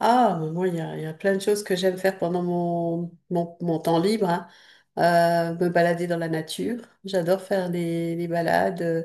Ah, mais moi, il y a plein de choses que j'aime faire pendant mon temps libre, hein. Me balader dans la nature. J'adore faire les balades.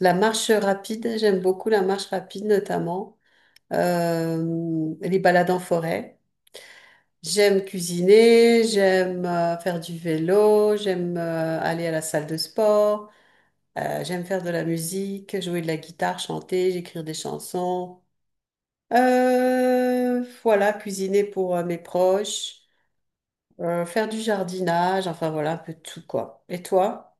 La marche rapide, j'aime beaucoup la marche rapide notamment. Les balades en forêt. J'aime cuisiner, j'aime faire du vélo, j'aime aller à la salle de sport, j'aime faire de la musique, jouer de la guitare, chanter, écrire des chansons. Voilà, cuisiner pour mes proches, faire du jardinage, enfin voilà, un peu de tout quoi. Et toi?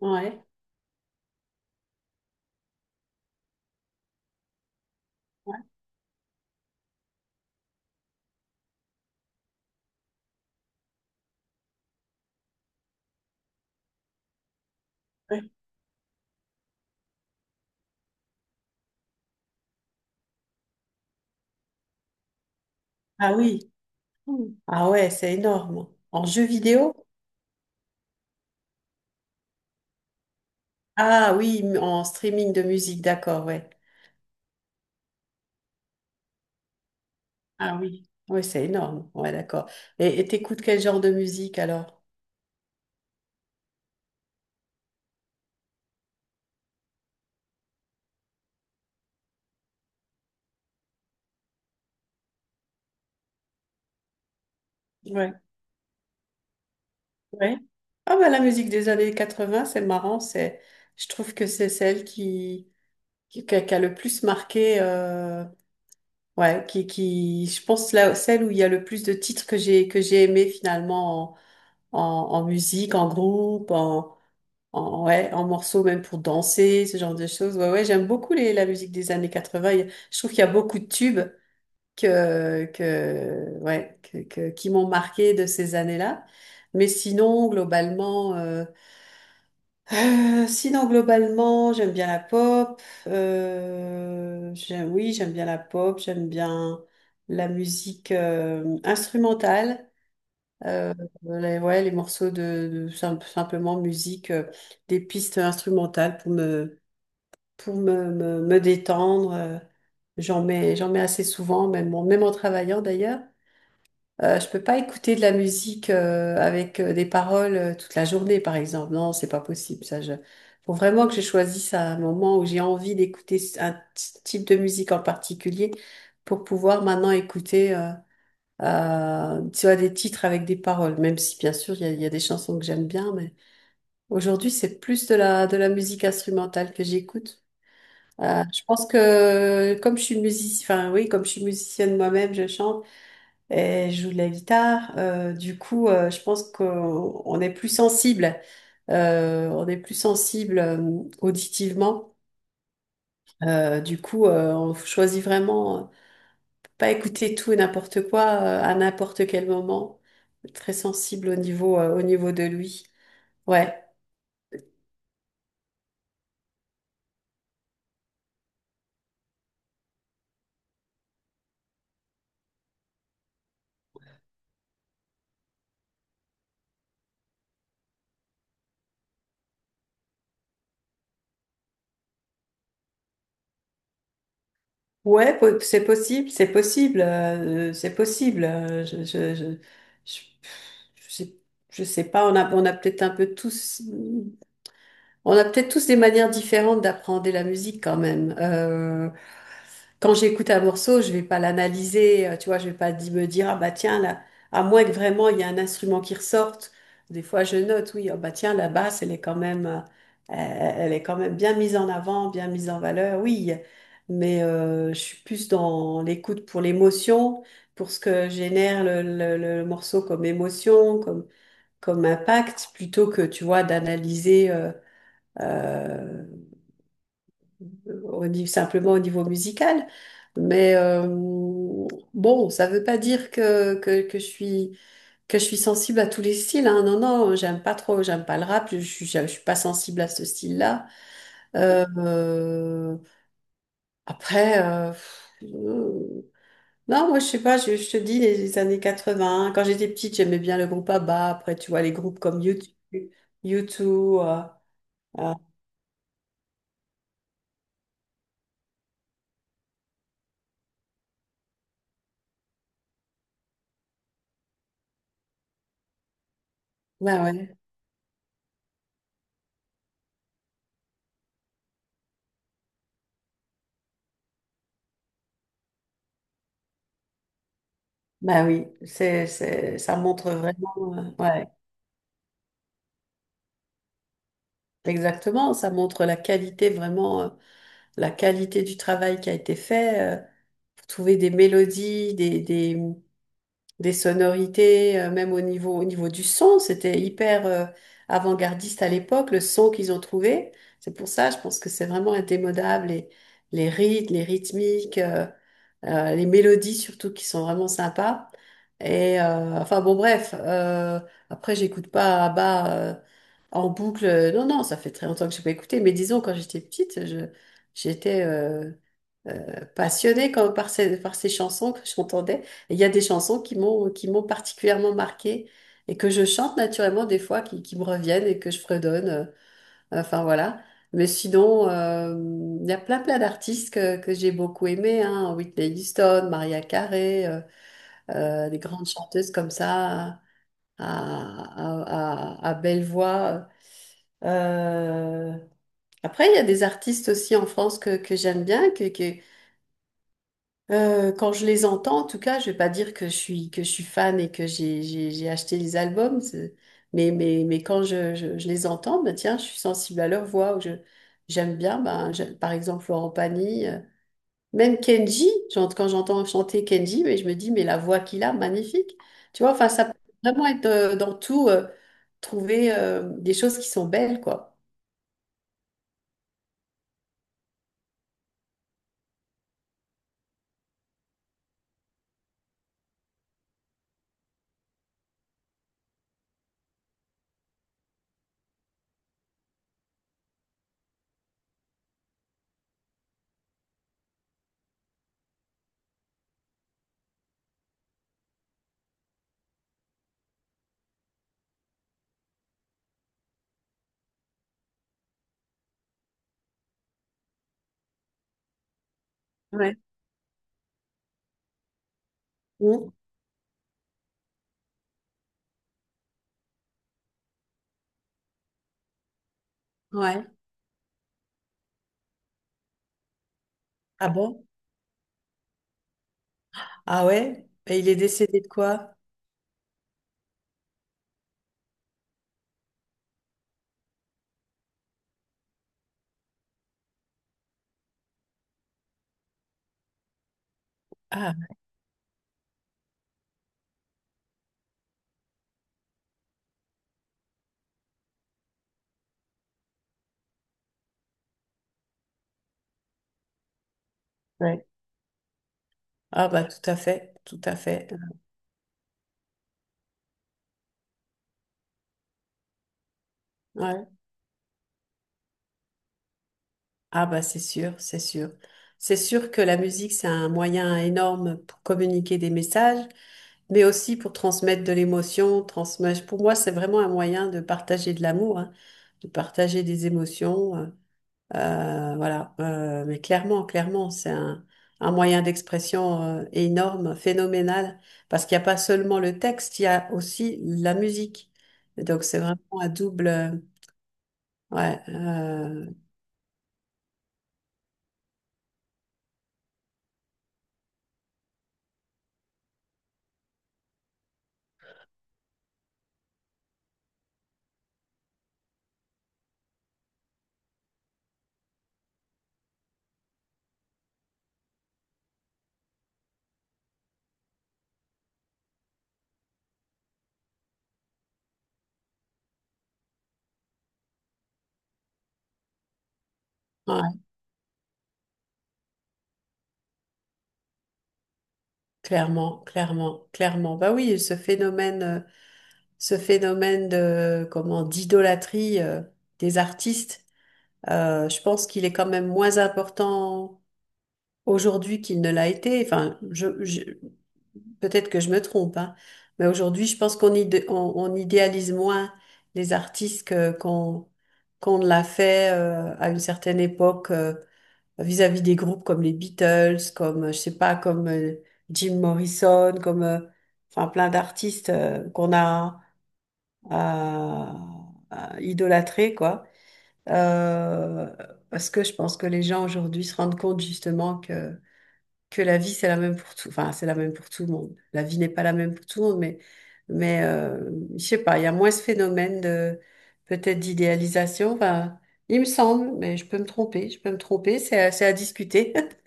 Ouais. Ouais. Ah oui. Mm. Ah ouais, c'est énorme. En jeu vidéo? Ah oui, en streaming de musique, d'accord, ouais. Ah oui. Oui, c'est énorme. Ouais, d'accord. Et t'écoutes quel genre de musique alors? Ouais. Ouais. Ah bah la musique des années 80 c'est marrant, c'est je trouve que c'est celle qui a le plus marqué. Ouais, je pense là, celle où il y a le plus de titres que j'ai aimé finalement en, en, en musique, en groupe, en, en, ouais, en morceaux même pour danser, ce genre de choses. Ouais, ouais, j'aime beaucoup la musique des années 80. Je trouve qu'il y a beaucoup de tubes ouais, qui m'ont marqué de ces années-là. Mais sinon, globalement, j'aime bien la pop. Oui, j'aime bien la pop. J'aime bien la musique instrumentale. Euh, ouais, les morceaux de simplement musique, des pistes instrumentales pour me détendre. J'en mets assez souvent, même, même en travaillant d'ailleurs. Je peux pas écouter de la musique avec des paroles toute la journée, par exemple. Non, c'est pas possible. Ça, je... Faut vraiment que je choisisse un moment où j'ai envie d'écouter un type de musique en particulier pour pouvoir maintenant écouter, tu vois, des titres avec des paroles. Même si, bien sûr, il y a des chansons que j'aime bien, mais aujourd'hui, c'est plus de la musique instrumentale que j'écoute. Je pense que comme je suis musicienne, enfin oui, comme je suis musicienne moi-même, je chante. Elle joue de la guitare. Du coup, je pense qu'on est plus sensible. On est plus sensible auditivement. Du coup, on choisit vraiment pas écouter tout et n'importe quoi à n'importe quel moment. Très sensible au niveau de lui. Ouais. Ouais, c'est possible, c'est possible, c'est possible. Je, je sais, je sais pas, on a peut-être un peu tous. On a peut-être tous des manières différentes d'apprendre la musique quand même. Quand j'écoute un morceau, je vais pas l'analyser, tu vois, je vais pas me dire ah bah tiens là, à moins que vraiment il y a un instrument qui ressorte. Des fois je note oui ah bah tiens la basse elle est quand même bien mise en avant, bien mise en valeur, oui. Mais je suis plus dans l'écoute pour l'émotion, pour ce que génère le morceau comme émotion, comme impact, plutôt que tu vois d'analyser. Euh, Au niveau, simplement au niveau musical. Mais bon, ça veut pas dire que je suis sensible à tous les styles, hein. Non, non, j'aime pas trop, j'aime pas le rap, je suis pas sensible à ce style-là. Euh, euh, après, euh, pff, euh, non, moi je sais pas, je te dis les années 20. Quand j'étais petite, j'aimais bien le groupe ABBA. Après, tu vois, les groupes comme YouTube U2. Bah ouais, bah oui, ça montre vraiment. Ouais. Exactement, ça montre la qualité vraiment, la qualité du travail qui a été fait, pour trouver des mélodies, des sonorités, même au niveau du son, c'était hyper, avant-gardiste à l'époque, le son qu'ils ont trouvé. C'est pour ça, je pense que c'est vraiment indémodable, les rythmes, les rythmiques, les mélodies surtout qui sont vraiment sympas. Et enfin bon bref, après j'écoute pas Abba en boucle. Non, non, ça fait très longtemps que j'ai pas écouté, mais disons quand j'étais petite, j'étais passionnée par ces chansons que j'entendais. Et il y a des chansons qui m'ont particulièrement marquée et que je chante naturellement des fois, qui me reviennent et que je fredonne. Enfin voilà. Mais sinon, il y a plein plein d'artistes que j'ai beaucoup aimés, hein. Whitney Houston, Maria Carey, des grandes chanteuses comme ça, à belle voix. Euh, Après, il y a des artistes aussi en France que j'aime bien, quand je les entends, en tout cas, je vais pas dire que je suis fan et que j'ai acheté les albums, mais quand je les entends, ben tiens, je suis sensible à leur voix ou je j'aime bien, par exemple Florent Pagny, même Kenji, quand j'entends chanter Kenji, mais je me dis mais la voix qu'il a, magnifique, tu vois, enfin ça peut vraiment être dans tout trouver des choses qui sont belles quoi. Ouais. Mmh. Ouais. Ah bon? Ah ouais? Et il est décédé de quoi? Ah. Ouais. Ah bah tout à fait, tout à fait. Ouais. Ah bah c'est sûr, c'est sûr. C'est sûr que la musique, c'est un moyen énorme pour communiquer des messages, mais aussi pour transmettre de l'émotion, transmettre. Pour moi, c'est vraiment un moyen de partager de l'amour, hein, de partager des émotions. Voilà. Mais clairement, clairement, c'est un moyen d'expression énorme, phénoménal, parce qu'il n'y a pas seulement le texte, il y a aussi la musique. Donc c'est vraiment un double. Ouais, euh, Ouais, clairement, clairement, clairement. Bah oui, ce phénomène, de, comment, d'idolâtrie, des artistes, je pense qu'il est quand même moins important aujourd'hui qu'il ne l'a été. Enfin, peut-être que je me trompe, hein, mais aujourd'hui, je pense qu'on idéalise moins les artistes qu'on ne l'a fait, à une certaine époque. Vis-à-vis des groupes comme les Beatles, comme, je sais pas, comme Jim Morrison, comme, enfin, plein d'artistes qu'on a euh, idolâtrés, quoi. Euh, Parce que je pense que les gens aujourd'hui se rendent compte justement que la vie, c'est la même pour tout, enfin, c'est la même pour tout le monde. La vie n'est pas la même pour tout le monde, mais, mais euh, je sais pas, il y a moins ce phénomène de, peut-être d'idéalisation, enfin, il me semble, mais je peux me tromper, je peux me tromper, c'est à discuter.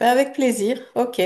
Ben, avec plaisir, ok.